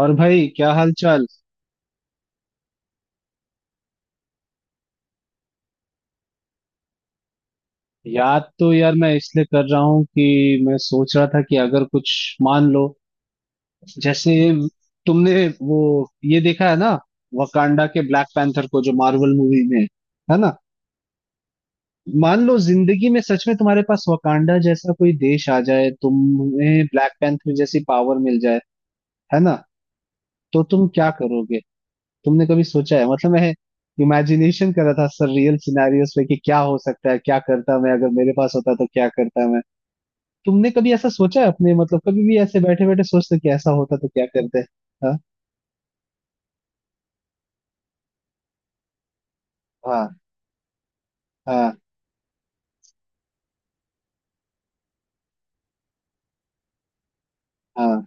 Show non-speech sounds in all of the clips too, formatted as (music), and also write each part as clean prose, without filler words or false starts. और भाई, क्या हाल चाल। याद तो यार मैं इसलिए कर रहा हूँ कि मैं सोच रहा था कि अगर कुछ, मान लो, जैसे तुमने वो ये देखा है ना, वकांडा के ब्लैक पैंथर को जो मार्वल मूवी में है ना। मान लो जिंदगी में सच में तुम्हारे पास वकांडा जैसा कोई देश आ जाए, तुम्हें ब्लैक पैंथर जैसी पावर मिल जाए, है ना, तो तुम क्या करोगे? तुमने कभी सोचा है? मतलब मैं इमेजिनेशन कर रहा था सर रियल सिनेरियोस पे कि क्या हो सकता है, क्या करता मैं अगर मेरे पास होता, तो क्या करता मैं। तुमने कभी ऐसा सोचा है अपने, मतलब कभी भी ऐसे बैठे बैठे सोचते कि ऐसा होता तो क्या करते? हाँ हाँ हाँ हाँ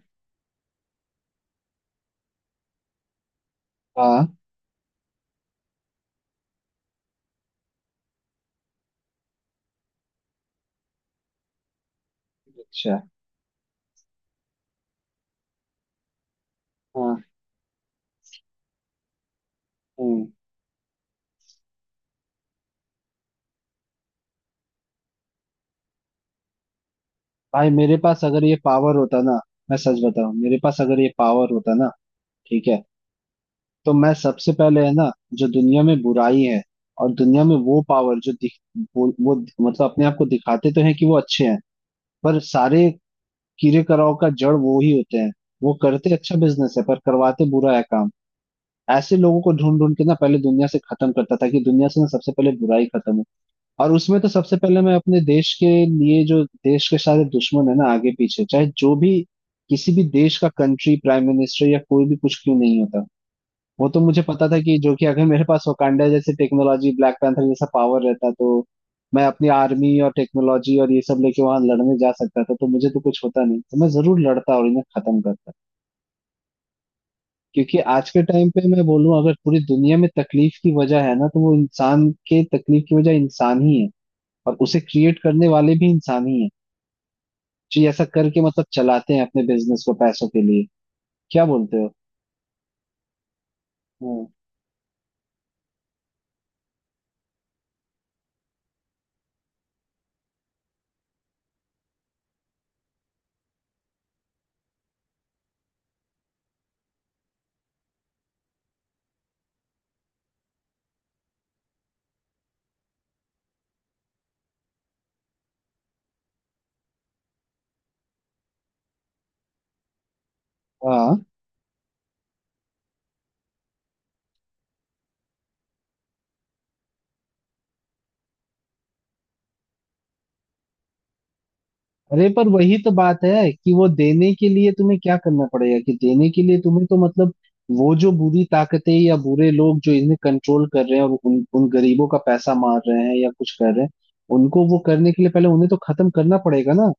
हाँ। अच्छा। हाँ। हम्म। भाई, मेरे पास अगर ये पावर होता ना, मैं सच बताऊं, मेरे पास अगर ये पावर होता ना, ठीक है, तो मैं सबसे पहले, है ना, जो दुनिया में बुराई है और दुनिया में वो पावर जो दिख, वो मतलब अपने आप को दिखाते तो हैं कि वो अच्छे हैं, पर सारे कीड़े कराओ का जड़ वो ही होते हैं। वो करते अच्छा बिजनेस है पर करवाते बुरा है काम। ऐसे लोगों को ढूंढ ढूंढ के ना पहले दुनिया से खत्म करता था कि दुनिया से ना सबसे पहले बुराई खत्म हो। और उसमें तो सबसे पहले मैं अपने देश के लिए, जो देश के सारे दुश्मन है ना आगे पीछे चाहे जो भी, किसी भी देश का कंट्री प्राइम मिनिस्टर या कोई भी, कुछ क्यों नहीं होता, वो तो मुझे पता था कि जो, कि अगर मेरे पास वकांडा जैसे टेक्नोलॉजी, ब्लैक पैंथर जैसा पावर रहता, तो मैं अपनी आर्मी और टेक्नोलॉजी और ये सब लेके वहां लड़ने जा सकता था, तो मुझे तो कुछ होता नहीं, तो मैं जरूर लड़ता और इन्हें खत्म करता। क्योंकि आज के टाइम पे मैं बोलूं, अगर पूरी दुनिया में तकलीफ की वजह है ना, तो वो इंसान के तकलीफ की वजह इंसान ही है। और उसे क्रिएट करने वाले भी इंसान ही है, जो ऐसा करके मतलब चलाते हैं अपने बिजनेस को पैसों के लिए। क्या बोलते हो? हम्म। हाँ। अरे पर वही तो बात है कि वो देने के लिए तुम्हें क्या करना पड़ेगा, कि देने के लिए तुम्हें तो मतलब, वो जो बुरी ताकतें या बुरे लोग जो इन्हें कंट्रोल कर रहे हैं और उन उन गरीबों का पैसा मार रहे हैं या कुछ कर रहे हैं, उनको वो करने के लिए पहले उन्हें तो खत्म करना पड़ेगा ना।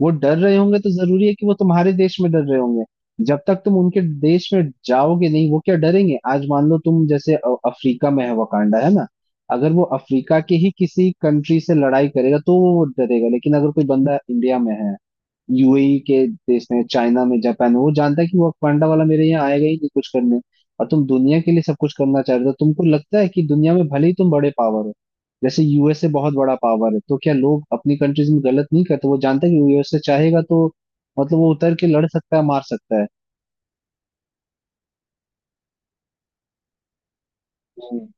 वो डर रहे होंगे तो जरूरी है कि वो तुम्हारे देश में डर रहे होंगे? जब तक तुम उनके देश में जाओगे नहीं, वो क्या डरेंगे? आज मान लो तुम जैसे अफ्रीका में है, वकांडा है ना। अगर वो अफ्रीका के ही किसी कंट्री से लड़ाई करेगा तो वो डरेगा, लेकिन अगर कोई बंदा इंडिया में है, यूएई के देश में, चाइना में, जापान में, वो जानता है कि वो पांडा वाला मेरे यहाँ आएगा ही नहीं कुछ करने। और तुम दुनिया के लिए सब कुछ करना चाह रहे हो, तो तुमको लगता है कि दुनिया में भले ही तुम बड़े पावर हो, जैसे यूएसए बहुत बड़ा पावर है, तो क्या लोग अपनी कंट्रीज में गलत नहीं करते? वो जानता है कि यूएसए चाहेगा तो मतलब वो उतर के लड़ सकता है, मार सकता है। हम्म।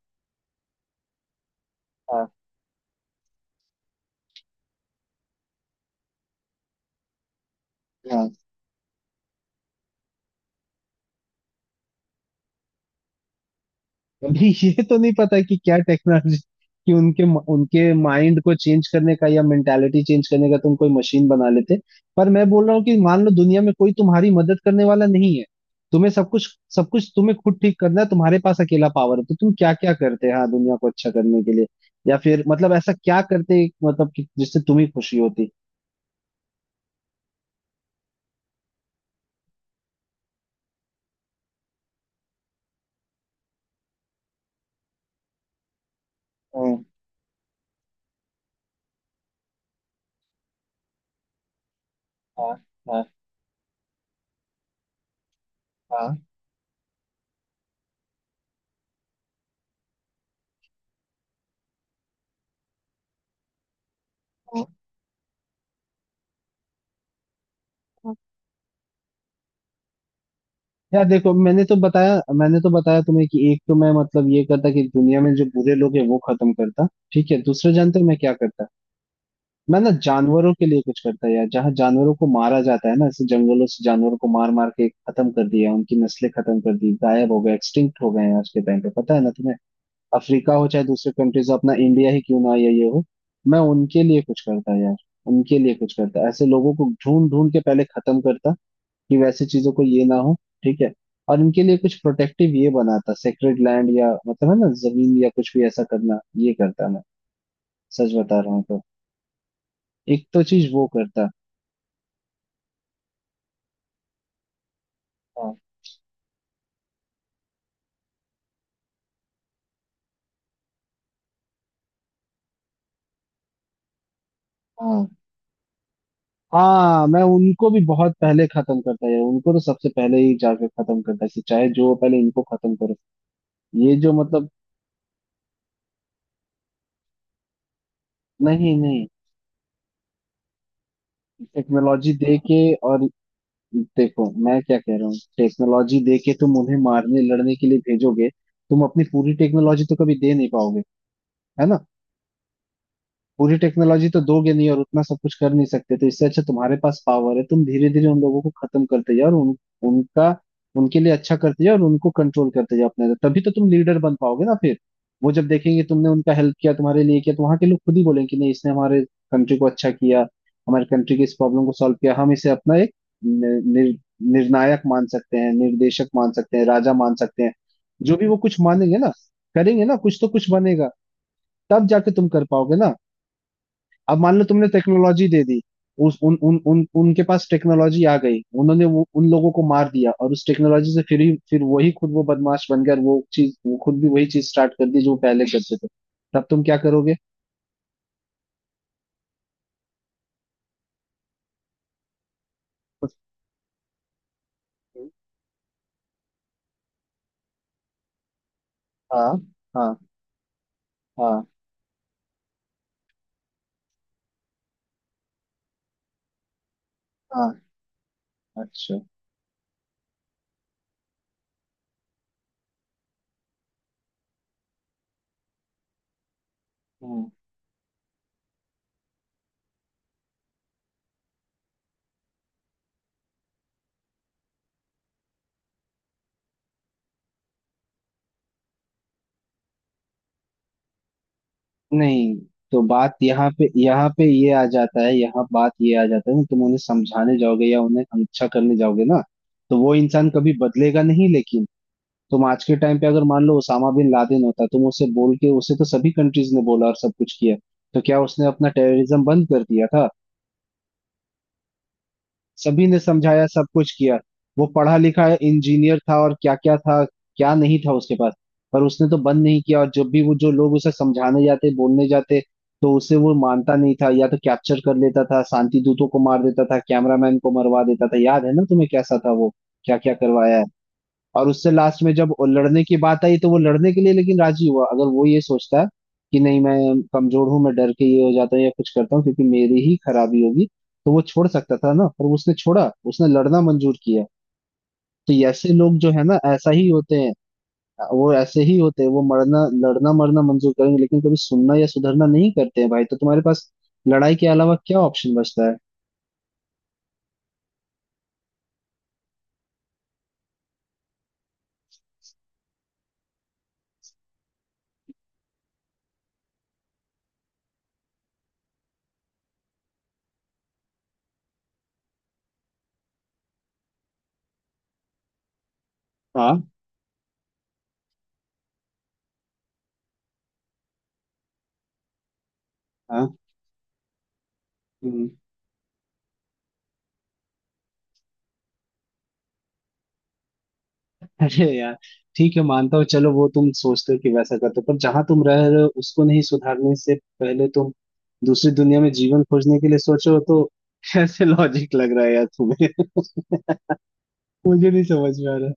हाँ हाँ। अभी ये तो नहीं पता है कि क्या टेक्नोलॉजी, कि उनके, उनके माइंड को चेंज करने का या मेंटालिटी चेंज करने का तुम कोई मशीन बना लेते। पर मैं बोल रहा हूँ कि मान लो दुनिया में कोई तुम्हारी मदद करने वाला नहीं है, तुम्हें सब कुछ, सब कुछ तुम्हें खुद ठीक करना है, तुम्हारे पास अकेला पावर है, तो तुम क्या क्या करते हैं, हाँ, दुनिया को अच्छा करने के लिए? या फिर मतलब ऐसा क्या करते मतलब कि जिससे तुम्हें खुशी होती? हाँ हाँ हाँ हाँ हाँ। यार देखो, मैंने तो बताया, मैंने तो बताया तुम्हें, कि एक तो मैं मतलब ये करता कि दुनिया में जो बुरे लोग हैं वो खत्म करता, ठीक है। दूसरा जानते हो मैं क्या करता, मैं ना जानवरों के लिए कुछ करता यार। जहाँ जानवरों को मारा जाता है ना, ऐसे जंगलों से जानवरों को मार मार के खत्म कर दिया, उनकी नस्लें खत्म कर दी, गायब हो गए, एक्सटिंक्ट हो गए हैं आज के टाइम पे, पता है ना तुम्हें, अफ्रीका हो चाहे दूसरे कंट्रीज हो, अपना इंडिया ही क्यों ना हो या ये हो, मैं उनके लिए कुछ करता यार। उनके लिए कुछ करता, ऐसे लोगों को ढूंढ ढूंढ के पहले खत्म करता, कि वैसे चीजों को ये ना हो, ठीक है। और इनके लिए कुछ प्रोटेक्टिव ये बनाता, सेक्रेड लैंड या मतलब है ना, जमीन या कुछ भी ऐसा करना, ये करता मैं। सच बता रहा हूँ तो। एक तो चीज वो करता। हाँ हाँ हाँ, मैं उनको भी बहुत पहले खत्म करता यार, उनको तो सबसे पहले ही जाके खत्म करता, कि चाहे जो हो, पहले इनको खत्म करो। ये जो मतलब, नहीं नहीं, टेक्नोलॉजी दे के, और देखो मैं क्या कह रहा हूँ, टेक्नोलॉजी दे के तुम उन्हें मारने लड़ने के लिए भेजोगे। तुम अपनी पूरी टेक्नोलॉजी तो कभी दे नहीं पाओगे, है ना। पूरी टेक्नोलॉजी तो दोगे नहीं, और उतना सब कुछ कर नहीं सकते, तो इससे अच्छा तुम्हारे पास पावर है, तुम धीरे धीरे उन लोगों को खत्म करते जाओ, और उन, उनका उनके लिए अच्छा करते जाओ और उनको कंट्रोल करते जाओ अपने अंदर। तभी तो तुम लीडर बन पाओगे ना फिर। वो जब देखेंगे तुमने उनका हेल्प किया, तुम्हारे लिए किया, तो वहां के लोग खुद ही बोलेंगे कि नहीं, इसने हमारे कंट्री को अच्छा किया, हमारे कंट्री की इस प्रॉब्लम को सॉल्व किया, हम इसे अपना एक नि- निर, निर्णायक मान सकते हैं, निर्देशक मान सकते हैं, राजा मान सकते हैं, जो भी वो कुछ मानेंगे ना, करेंगे ना कुछ तो कुछ बनेगा, तब जाके तुम कर पाओगे ना। अब मान लो तुमने टेक्नोलॉजी दे दी, उस उन उन उन उनके पास टेक्नोलॉजी आ गई, उन्होंने वो उन लोगों को मार दिया और उस टेक्नोलॉजी से फिर ही फिर वही खुद वो बदमाश बन गया और वो चीज वो खुद भी वही चीज स्टार्ट कर दी जो वो पहले करते थे, तब तुम क्या करोगे? हाँ हाँ हाँ हाँ। अच्छा। हाँ। नहीं, तो बात यहाँ पे, यहाँ पे ये आ जाता है, यहाँ बात ये आ जाता है ना, तुम उन्हें समझाने जाओगे या उन्हें अच्छा करने जाओगे ना, तो वो इंसान कभी बदलेगा नहीं। लेकिन तुम आज के टाइम पे अगर मान लो ओसामा बिन लादेन होता, तुम उसे बोल के, उसे तो सभी कंट्रीज ने बोला और सब कुछ किया, तो क्या उसने अपना टेररिज्म बंद कर दिया था? सभी ने समझाया, सब कुछ किया, वो पढ़ा लिखा इंजीनियर था और क्या क्या था क्या नहीं था उसके पास, पर उसने तो बंद नहीं किया। और जब भी वो, जो लोग उसे समझाने जाते बोलने जाते, तो उसे वो मानता नहीं था, या तो कैप्चर कर लेता था, शांति दूतों को मार देता था, कैमरामैन को मरवा देता था, याद है ना तुम्हें कैसा था वो, क्या क्या करवाया है। और उससे लास्ट में जब वो लड़ने की बात आई, तो वो लड़ने के लिए लेकिन राजी हुआ। अगर वो ये सोचता कि नहीं, मैं कमजोर हूं, मैं डर के ये हो जाता हूँ या कुछ करता हूँ क्योंकि मेरी ही खराबी होगी, तो वो छोड़ सकता था ना, पर उसने छोड़ा, उसने लड़ना मंजूर किया। तो ये ऐसे लोग जो है ना, ऐसा ही होते हैं, वो ऐसे ही होते हैं, वो मरना लड़ना मरना मंजूर करेंगे लेकिन कभी सुनना या सुधरना नहीं करते हैं भाई। तो तुम्हारे पास लड़ाई के अलावा क्या ऑप्शन बचता है? हाँ हाँ। अरे यार, ठीक है, मानता हूँ, चलो वो तुम सोचते हो कि वैसा करते हो, पर जहां तुम रह रहे हो उसको नहीं सुधारने से पहले तुम दूसरी दुनिया में जीवन खोजने के लिए सोचो तो, कैसे लॉजिक लग रहा है यार तुम्हें? (laughs) मुझे नहीं समझ में आ रहा।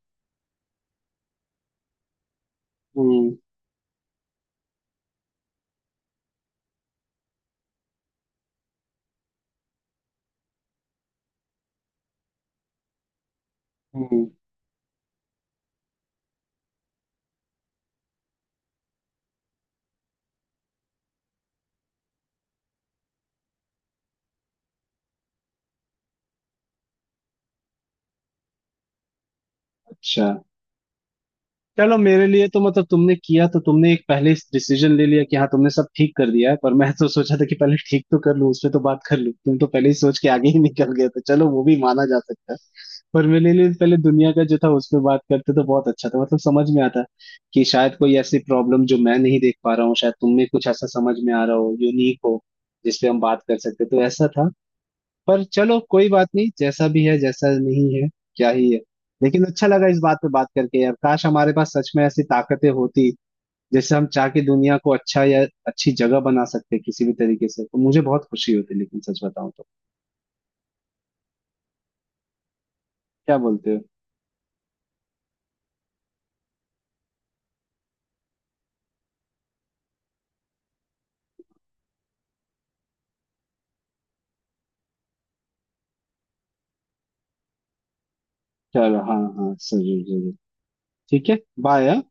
हम्म हम्म। अच्छा। चलो मेरे लिए तो मतलब तुमने किया तो, तुमने एक पहले डिसीजन ले लिया कि हाँ तुमने सब ठीक कर दिया है, पर मैं तो सोचा था कि पहले ठीक तो कर लूं, उसमें तो बात कर लूं, तुम तो पहले ही सोच के आगे ही निकल गए, तो चलो वो भी माना जा सकता है। पर मेरे लिए पहले दुनिया का जो था उस पे बात करते तो बहुत अच्छा था, मतलब समझ में आता कि शायद कोई ऐसी प्रॉब्लम जो मैं नहीं देख पा रहा हूँ, शायद तुम में कुछ ऐसा समझ में आ रहा हो, यूनिक हो, जिसपे हम बात कर सकते, तो ऐसा था। पर चलो कोई बात नहीं, जैसा भी है जैसा नहीं है, क्या ही है। लेकिन अच्छा लगा इस बात पे बात करके यार, काश हमारे पास सच में ऐसी ताकतें होती जिससे हम चाह के दुनिया को अच्छा या अच्छी जगह बना सकते किसी भी तरीके से, तो मुझे बहुत खुशी होती। लेकिन सच बताऊं तो, क्या बोलते हो? चलो हाँ हाँ, जरूर जरूर। ठीक है। बाय।